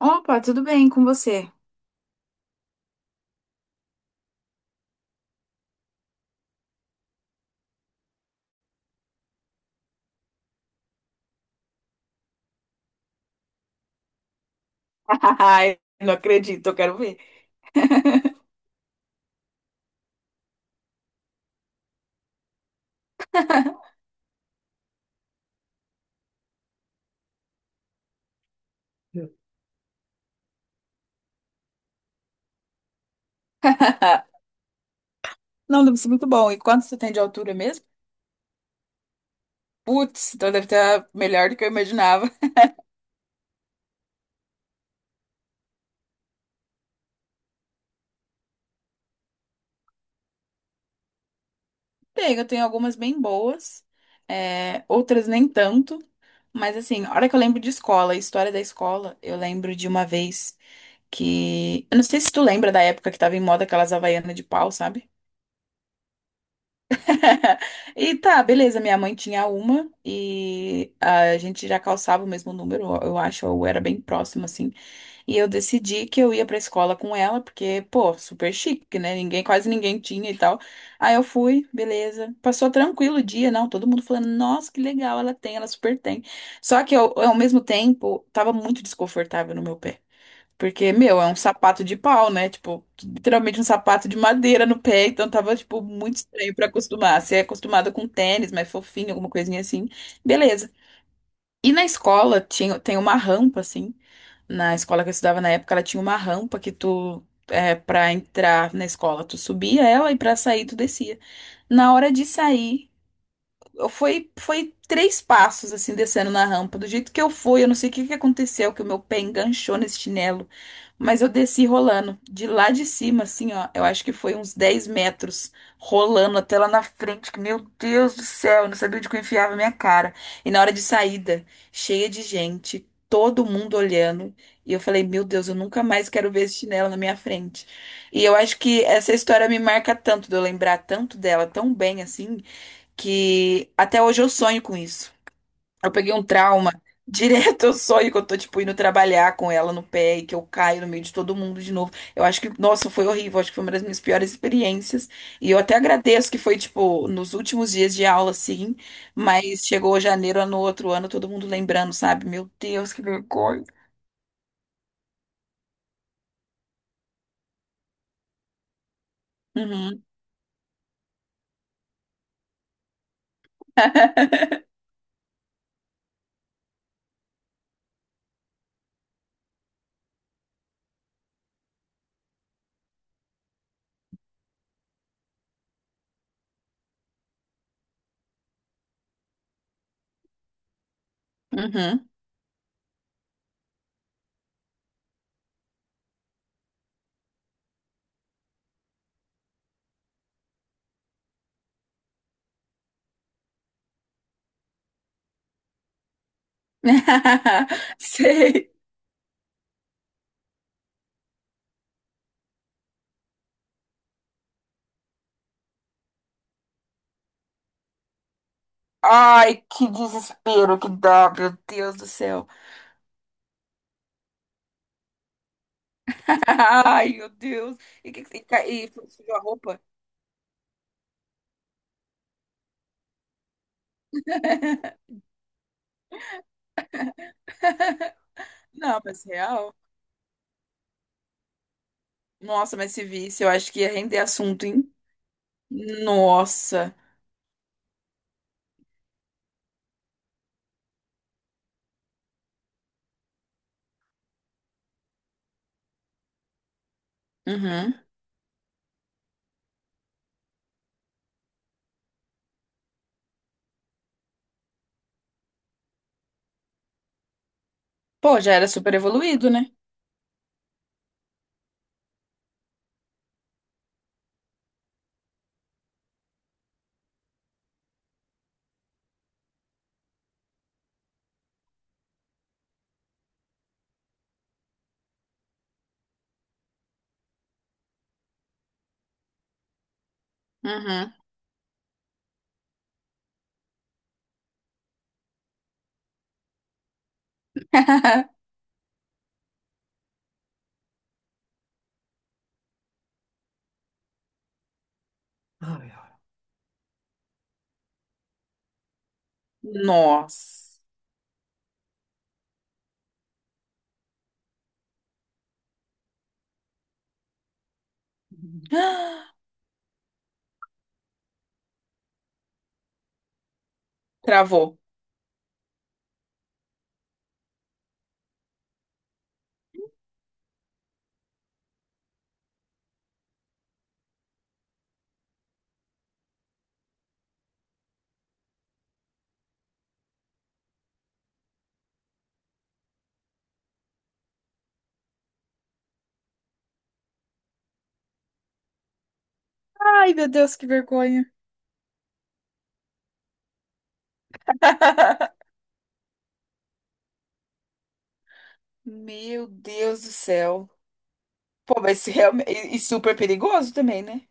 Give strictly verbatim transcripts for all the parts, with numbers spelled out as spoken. Opa, tudo bem com você? Ai, não acredito, eu quero ver. Não, deve ser muito bom. E quanto você tem de altura mesmo? Putz, então deve estar melhor do que eu imaginava. Tem, eu tenho algumas bem boas, é, outras nem tanto. Mas assim, a hora que eu lembro de escola, história da escola, eu lembro de uma vez que. Eu não sei se tu lembra da época que tava em moda aquelas havaianas de pau, sabe? E tá, beleza. Minha mãe tinha uma e a gente já calçava o mesmo número, eu acho, ou era bem próximo, assim. E eu decidi que eu ia pra escola com ela, porque, pô, super chique, né? Ninguém, quase ninguém tinha e tal. Aí eu fui, beleza. Passou tranquilo o dia, não? Todo mundo falando, nossa, que legal, ela tem, ela super tem. Só que eu, ao mesmo tempo, tava muito desconfortável no meu pé. Porque, meu, é um sapato de pau, né? Tipo, literalmente um sapato de madeira no pé. Então tava, tipo, muito estranho pra acostumar. Se é acostumada com tênis, mais fofinho, alguma coisinha assim, beleza. E na escola tinha, tem uma rampa, assim. Na escola que eu estudava na época, ela tinha uma rampa que tu, é, pra entrar na escola, tu subia ela e pra sair tu descia. Na hora de sair eu foi, foi três passos assim descendo na rampa. Do jeito que eu fui, eu não sei o que que aconteceu, que o meu pé enganchou nesse chinelo, mas eu desci rolando de lá de cima, assim, ó. Eu acho que foi uns dez metros rolando até lá na frente, que meu Deus do céu, eu não sabia onde que eu enfiava a minha cara. E na hora de saída, cheia de gente, todo mundo olhando. E eu falei, meu Deus, eu nunca mais quero ver esse chinelo na minha frente. E eu acho que essa história me marca tanto, de eu lembrar tanto dela, tão bem assim, que até hoje eu sonho com isso. Eu peguei um trauma. Direto eu sonho que eu tô, tipo, indo trabalhar com ela no pé e que eu caio no meio de todo mundo de novo. Eu acho que, nossa, foi horrível. Acho que foi uma das minhas piores experiências. E eu até agradeço que foi, tipo, nos últimos dias de aula, sim. Mas chegou janeiro no outro ano, todo mundo lembrando, sabe? Meu Deus, que vergonha. Uhum, uhum. Sei. Ai, que desespero que dá, meu Deus do céu. Ai, meu Deus. E, que- e, ca- e sujou a roupa? Não, mas real. Nossa, mas se visse, eu acho que ia render assunto, hein? Nossa. Uhum. Pô, já era super evoluído, né? Uhum. Nossa. Travou. Ai, meu Deus, que vergonha. Meu Deus do céu. Pô, mas se realmente. E e super perigoso também, né?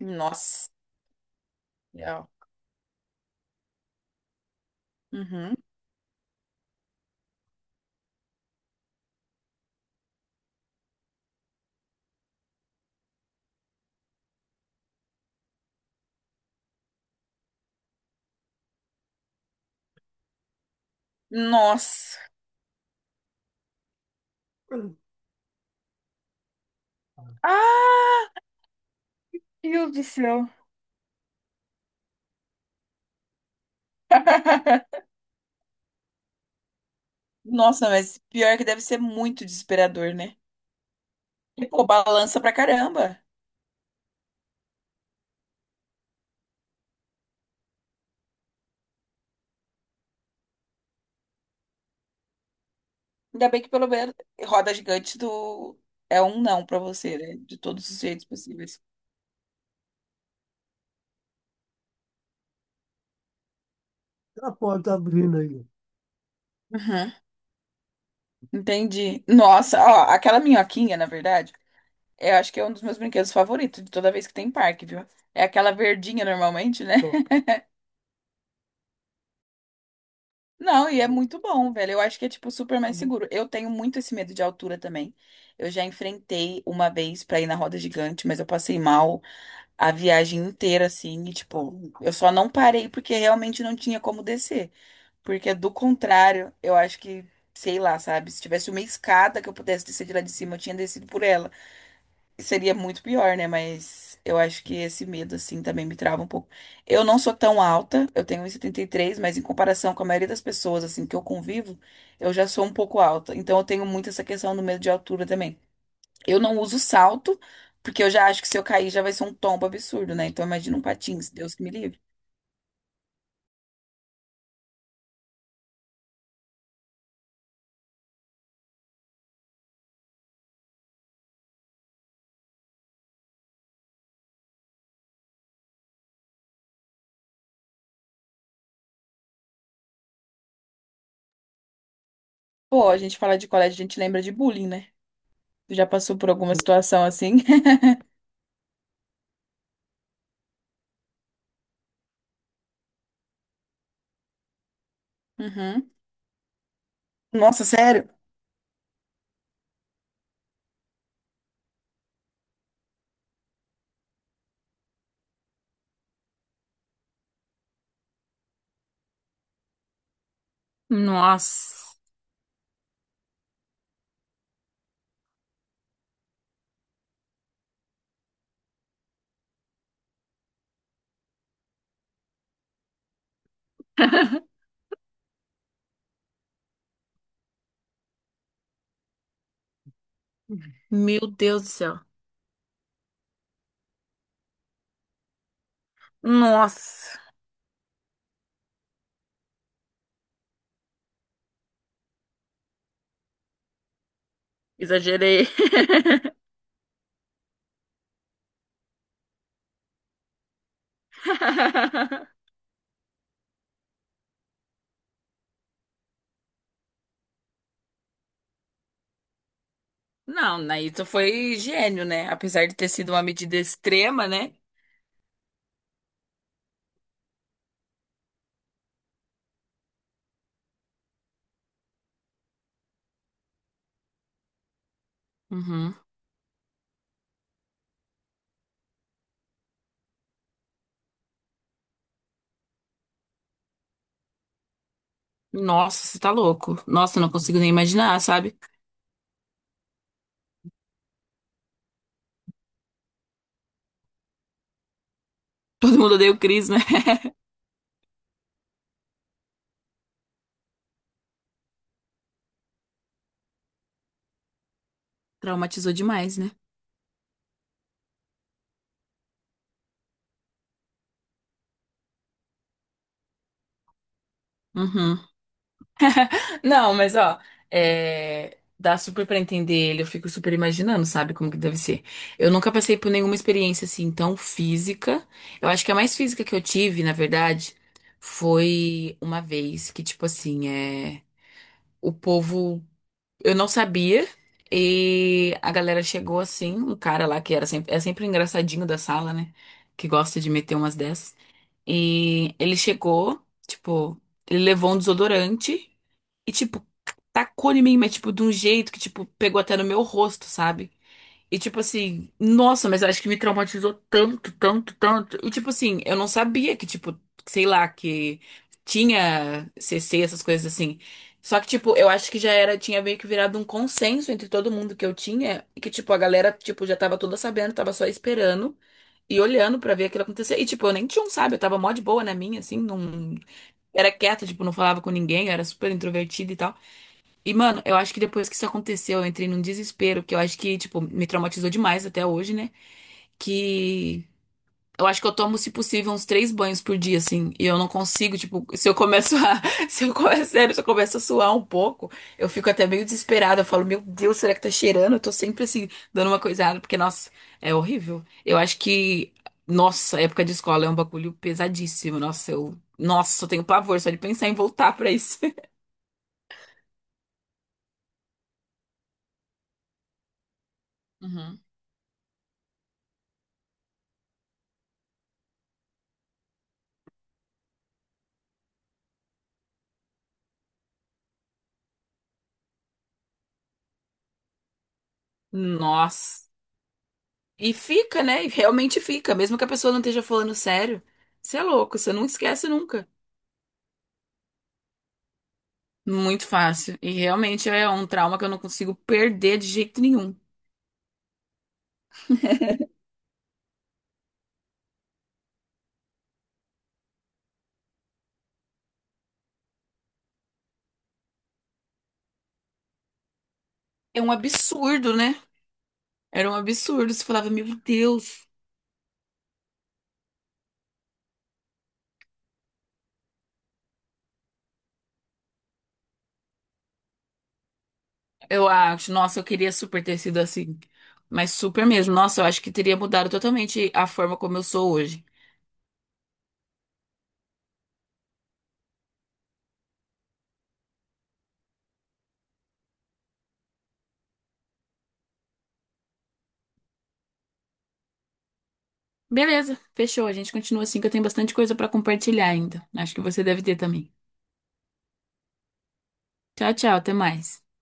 Nossa. Real. Uhum. Nossa. Ai, meu Deus do céu. Nossa, mas pior que deve ser muito desesperador, né? E, pô, balança pra caramba. Ainda bem que pelo menos roda gigante do... é um não pra você, né? De todos os jeitos possíveis. A porta abrindo aí. Uhum, entendi. Nossa, ó, aquela minhoquinha, na verdade, eu acho que é um dos meus brinquedos favoritos de toda vez que tem parque, viu? É aquela verdinha normalmente, né? Não, e é muito bom, velho. Eu acho que é, tipo, super mais Uhum. seguro. Eu tenho muito esse medo de altura também. Eu já enfrentei uma vez pra ir na roda gigante, mas eu passei mal a viagem inteira, assim, e, tipo, eu só não parei porque realmente não tinha como descer. Porque, do contrário, eu acho que, sei lá, sabe? Se tivesse uma escada que eu pudesse descer de lá de cima, eu tinha descido por ela seria muito pior, né? Mas eu acho que esse medo, assim, também me trava um pouco. Eu não sou tão alta, eu tenho um e setenta e três, mas em comparação com a maioria das pessoas, assim, que eu convivo, eu já sou um pouco alta. Então eu tenho muito essa questão do medo de altura também. Eu não uso salto, porque eu já acho que se eu cair já vai ser um tombo absurdo, né? Então imagina um patins, Deus que me livre. Pô, a gente fala de colégio, a gente lembra de bullying, né? Tu já passou por alguma situação assim? Uhum. Nossa, sério? Nossa, meu Deus do céu. Nossa. Exagerei. Não, daí tu foi gênio, né? Apesar de ter sido uma medida extrema, né? Uhum. Nossa, você tá louco. Nossa, eu não consigo nem imaginar, sabe? Todo mundo odeia o Chris, né? Traumatizou demais, né? Uhum. Não, mas ó, é, dá super pra entender ele. Eu fico super imaginando, sabe? Como que deve ser. Eu nunca passei por nenhuma experiência assim tão física. Eu acho que a mais física que eu tive, na verdade, foi uma vez que, tipo assim, é. O povo. Eu não sabia. E a galera chegou assim, um cara lá que era sempre, é sempre o engraçadinho da sala, né? Que gosta de meter umas dessas. E ele chegou, tipo, ele levou um desodorante e, tipo, tacou em mim, mas, tipo, de um jeito que, tipo, pegou até no meu rosto, sabe? E tipo assim, nossa, mas acho que me traumatizou tanto, tanto, tanto. E tipo assim, eu não sabia que, tipo, sei lá, que tinha C C, essas coisas assim. Só que, tipo, eu acho que já era, tinha meio que virado um consenso entre todo mundo que eu tinha, e que, tipo, a galera, tipo, já tava toda sabendo, tava só esperando e olhando pra ver aquilo acontecer. E, tipo, eu nem tinha um, sabe? Eu tava mó de boa na minha, assim, não. Era quieta, tipo, não falava com ninguém, eu era super introvertida e tal. E, mano, eu acho que depois que isso aconteceu, eu entrei num desespero, que eu acho que, tipo, me traumatizou demais até hoje, né? Que eu acho que eu tomo, se possível, uns três banhos por dia, assim, e eu não consigo, tipo, se eu começo a. Se eu começo, sério, se eu começo a suar um pouco, eu fico até meio desesperada. Eu falo, meu Deus, será que tá cheirando? Eu tô sempre, assim, dando uma coisada, porque, nossa, é horrível. Eu acho que. Nossa, época de escola é um bagulho pesadíssimo. Nossa, eu. Nossa, eu tenho pavor só de pensar em voltar pra isso. Uhum. Nossa. E fica, né? E realmente fica, mesmo que a pessoa não esteja falando sério. Você é louco, você não esquece nunca. Muito fácil. E realmente é um trauma que eu não consigo perder de jeito nenhum. É um absurdo, né? Era um absurdo. Você falava, meu Deus. Eu acho, nossa, eu queria super ter sido assim. Mas super mesmo. Nossa, eu acho que teria mudado totalmente a forma como eu sou hoje. Beleza, fechou. A gente continua assim, que eu tenho bastante coisa pra compartilhar ainda. Acho que você deve ter também. Tchau, tchau, até mais.